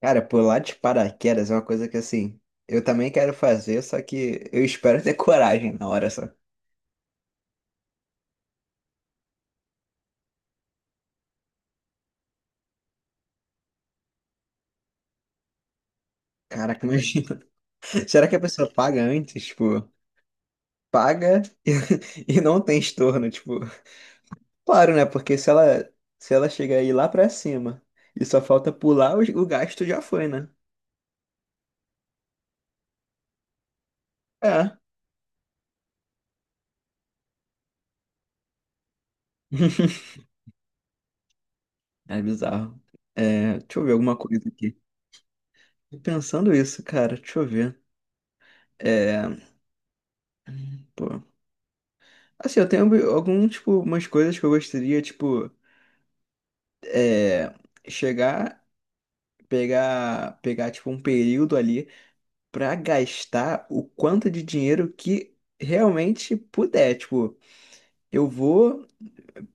Cara, pular de paraquedas é uma coisa que assim, eu também quero fazer, só que eu espero ter coragem na hora só. Caraca, imagina. Será que a pessoa paga antes? Tipo, paga e não tem estorno, tipo. Claro, né? Porque se ela chegar aí lá pra cima e só falta pular, o gasto já foi, né? É, é bizarro. É, deixa eu ver alguma coisa aqui. Tô pensando isso, cara, deixa eu ver. É, pô. Assim, eu tenho algum, tipo, umas coisas que eu gostaria, tipo. É, chegar, pegar tipo um período ali pra gastar o quanto de dinheiro que realmente puder. Tipo, eu vou,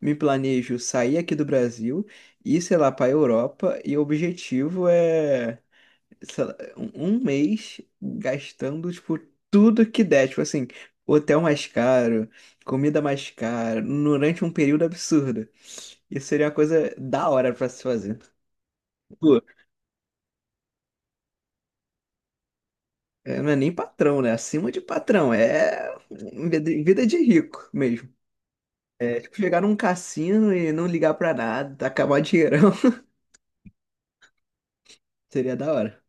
me planejo sair aqui do Brasil e sei lá, pra Europa e o objetivo é, sei lá, um mês gastando, tipo, tudo que der. Tipo assim, hotel mais caro, comida mais cara, durante um período absurdo. Isso seria uma coisa da hora pra se fazer. É, não é nem patrão, né? Acima de patrão. É vida vida de rico mesmo. É tipo chegar num cassino e não ligar pra nada, acabar dinheirão. Seria da hora.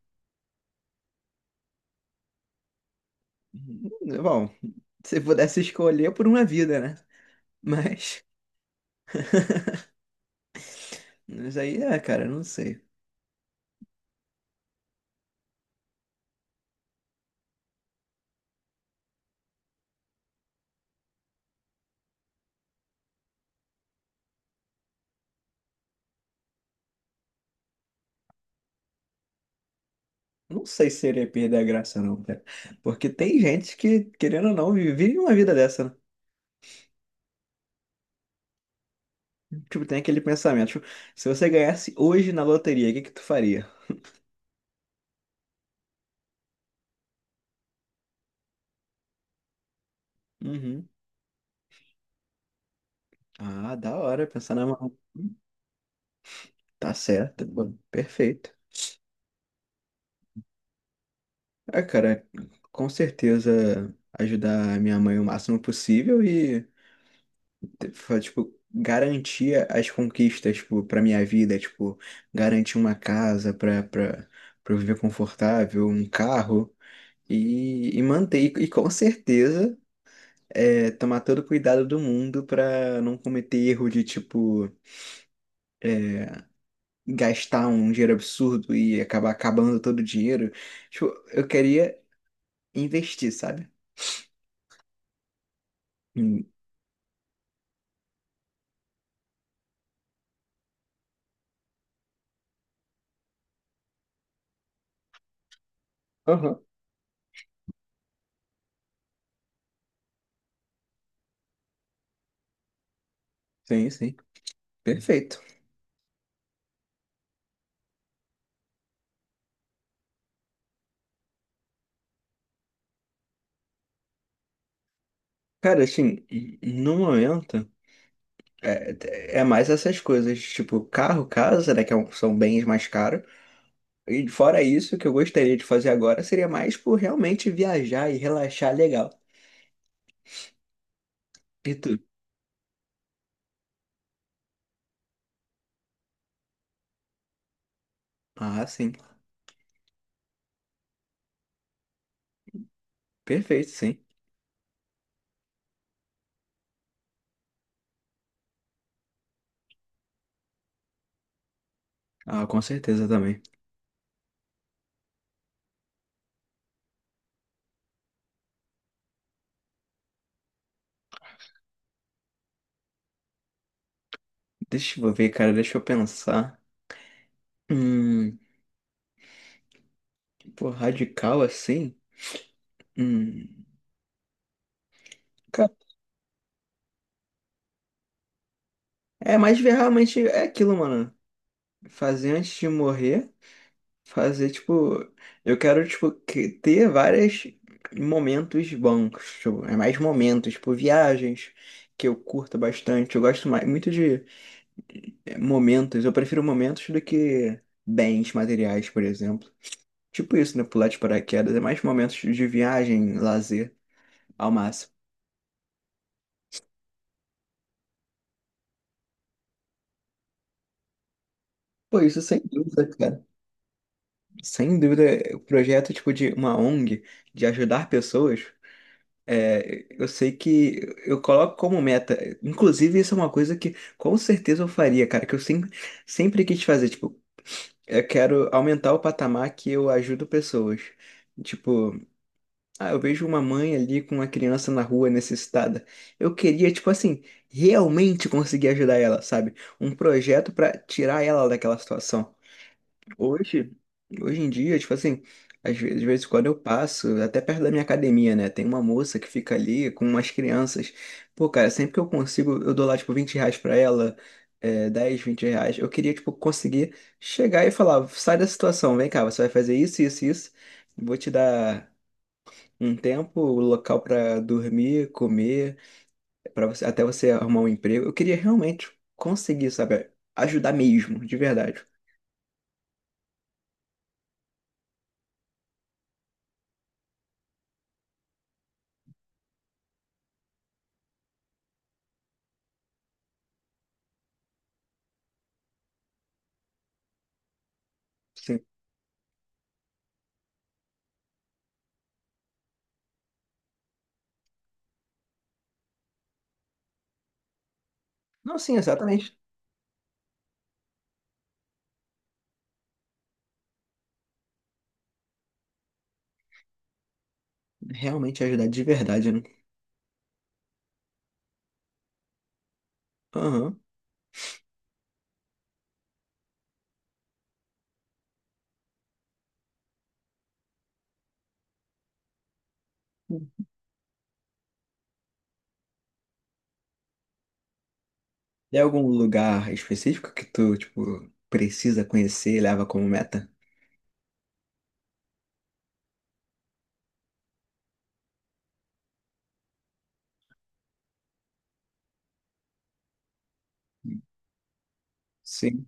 Uhum. Bom, se pudesse escolher por uma vida, né? Mas, mas aí é, cara, não sei. Não sei se seria perder a graça, não, cara. Porque tem gente que, querendo ou não, vive uma vida dessa, né? Tipo, tem aquele pensamento, tipo, se você ganhasse hoje na loteria, o que que tu faria? Uhum. Ah, da hora, pensar na mão. Tá certo, bom, perfeito. Ah, cara, com certeza ajudar a minha mãe o máximo possível e, tipo, garantir as conquistas, tipo, pra minha vida, tipo, garantir uma casa pra eu viver confortável, um carro e manter. E com certeza é, tomar todo o cuidado do mundo pra não cometer erro de, tipo, gastar um dinheiro absurdo e acabar acabando todo o dinheiro. Tipo, eu queria investir, sabe? Hum. Aham. Sim, sim. Perfeito. Cara, assim, no momento, é mais essas coisas, tipo, carro, casa, né, que é são bens mais caros. E fora isso, o que eu gostaria de fazer agora seria mais por realmente viajar e relaxar legal. E tu? Ah, sim. Perfeito, sim. Ah, com certeza também. Deixa eu ver, cara, deixa eu pensar. Hum, pô, radical assim? Hum, cara, é mais ver realmente é aquilo, mano. Fazer antes de morrer. Fazer, tipo, eu quero, tipo, ter vários momentos bons, tipo, é mais momentos, tipo, viagens que eu curto bastante. Eu gosto mais, muito de momentos, eu prefiro momentos do que bens materiais, por exemplo. Tipo isso, né? Pular de paraquedas, é mais momentos de viagem, lazer, ao máximo. Pô, isso sem dúvida, cara. Sem dúvida, o projeto, tipo, de uma ONG, de ajudar pessoas. É, eu sei que eu coloco como meta, inclusive isso é uma coisa que com certeza eu faria, cara, que eu sempre, sempre quis fazer, tipo, eu quero aumentar o patamar que eu ajudo pessoas. Tipo, ah, eu vejo uma mãe ali com uma criança na rua necessitada. Eu queria, tipo assim, realmente conseguir ajudar ela, sabe? Um projeto pra tirar ela daquela situação. Hoje, hoje em dia, tipo assim, às vezes, de vez em quando eu passo, até perto da minha academia, né? Tem uma moça que fica ali com umas crianças. Pô, cara, sempre que eu consigo, eu dou lá, tipo, R$ 20 pra ela, é, 10, R$ 20. Eu queria, tipo, conseguir chegar e falar, sai da situação, vem cá, você vai fazer isso, isso, isso. Vou te dar um tempo, o local pra dormir, comer, para você, até você arrumar um emprego. Eu queria realmente conseguir, sabe, ajudar mesmo, de verdade. Sim. Não, sim, exatamente. Realmente ajudar de verdade, né? Aham. Tem algum lugar específico que tu, tipo, precisa conhecer e leva como meta? Sim.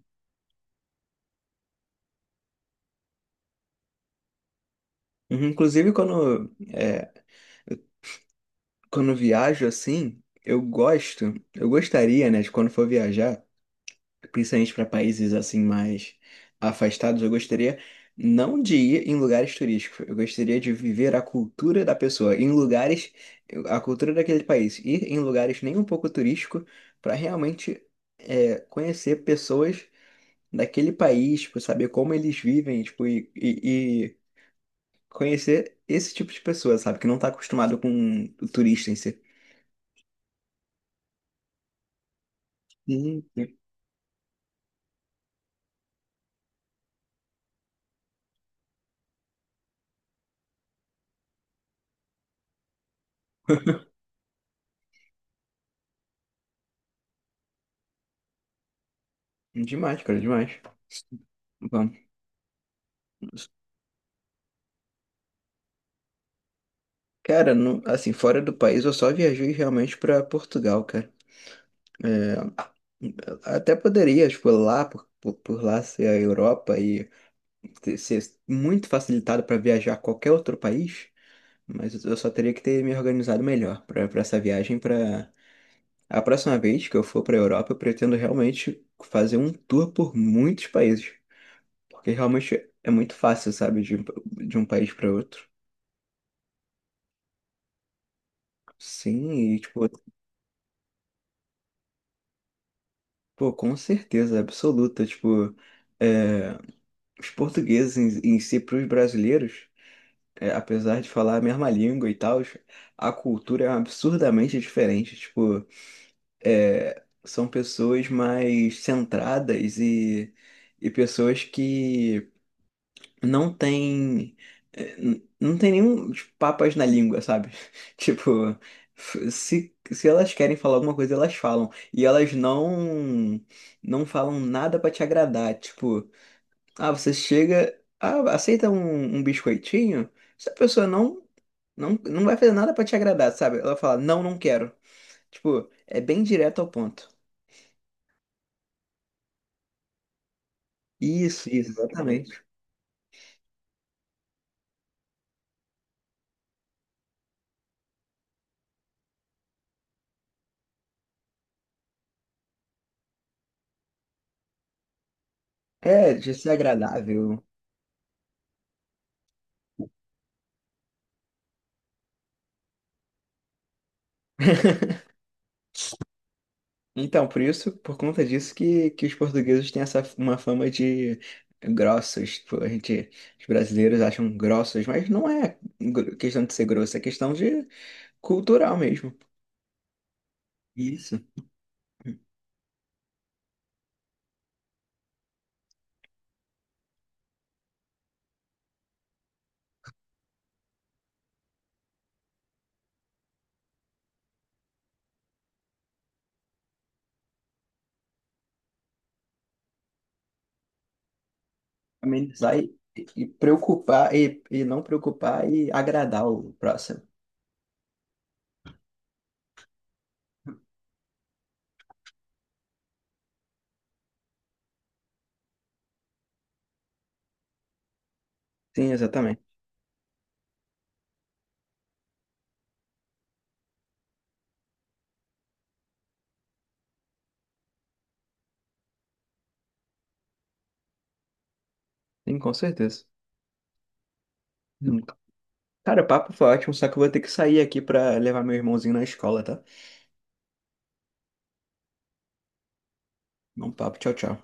Uhum, inclusive, quando, eu- quando eu viajo assim, eu gosto, eu gostaria, né, de quando for viajar. Principalmente para países assim mais afastados, eu gostaria não de ir em lugares turísticos, eu gostaria de viver a cultura da pessoa, em lugares, a cultura daquele país, ir em lugares nem um pouco turístico para realmente conhecer pessoas daquele país, tipo, saber como eles vivem, tipo, e conhecer esse tipo de pessoa, sabe, que não está acostumado com o turista em si. Hum. Demais, cara, demais. Vamos. Cara, assim, fora do país, eu só viajei realmente pra Portugal, cara. É, até poderia, tipo, lá, por lá ser a Europa e ser muito facilitado pra viajar a qualquer outro país, mas eu só teria que ter me organizado melhor pra essa viagem. Pra a próxima vez que eu for pra Europa, eu pretendo realmente fazer um tour por muitos países, porque realmente é muito fácil, sabe, de um país pra outro. Sim, e tipo. Pô, com certeza, absoluta. Tipo, é, os portugueses em si, para os brasileiros, apesar de falar a mesma língua e tal, a cultura é absurdamente diferente. Tipo, são pessoas mais centradas e pessoas que não tem não tem nenhum tipo, papas na língua, sabe? Tipo, se elas querem falar alguma coisa, elas falam. E elas não falam nada pra te agradar. Tipo, ah, você chega, ah, aceita um biscoitinho? Se a pessoa não, não, não vai fazer nada pra te agradar, sabe? Ela fala, não, não quero. Tipo, é bem direto ao ponto. Isso, exatamente. É, de ser agradável. Então, por isso, por conta disso que os portugueses têm essa uma fama de grossos. Tipo, a gente, os brasileiros acham grossos, mas não é questão de ser grosso, é questão de cultural mesmo. Isso. Amenizar e preocupar e não preocupar e agradar o próximo. Sim, exatamente. Sim, com certeza. Hum. Cara, o papo foi ótimo, só que eu vou ter que sair aqui pra levar meu irmãozinho na escola, tá? Bom papo, tchau, tchau.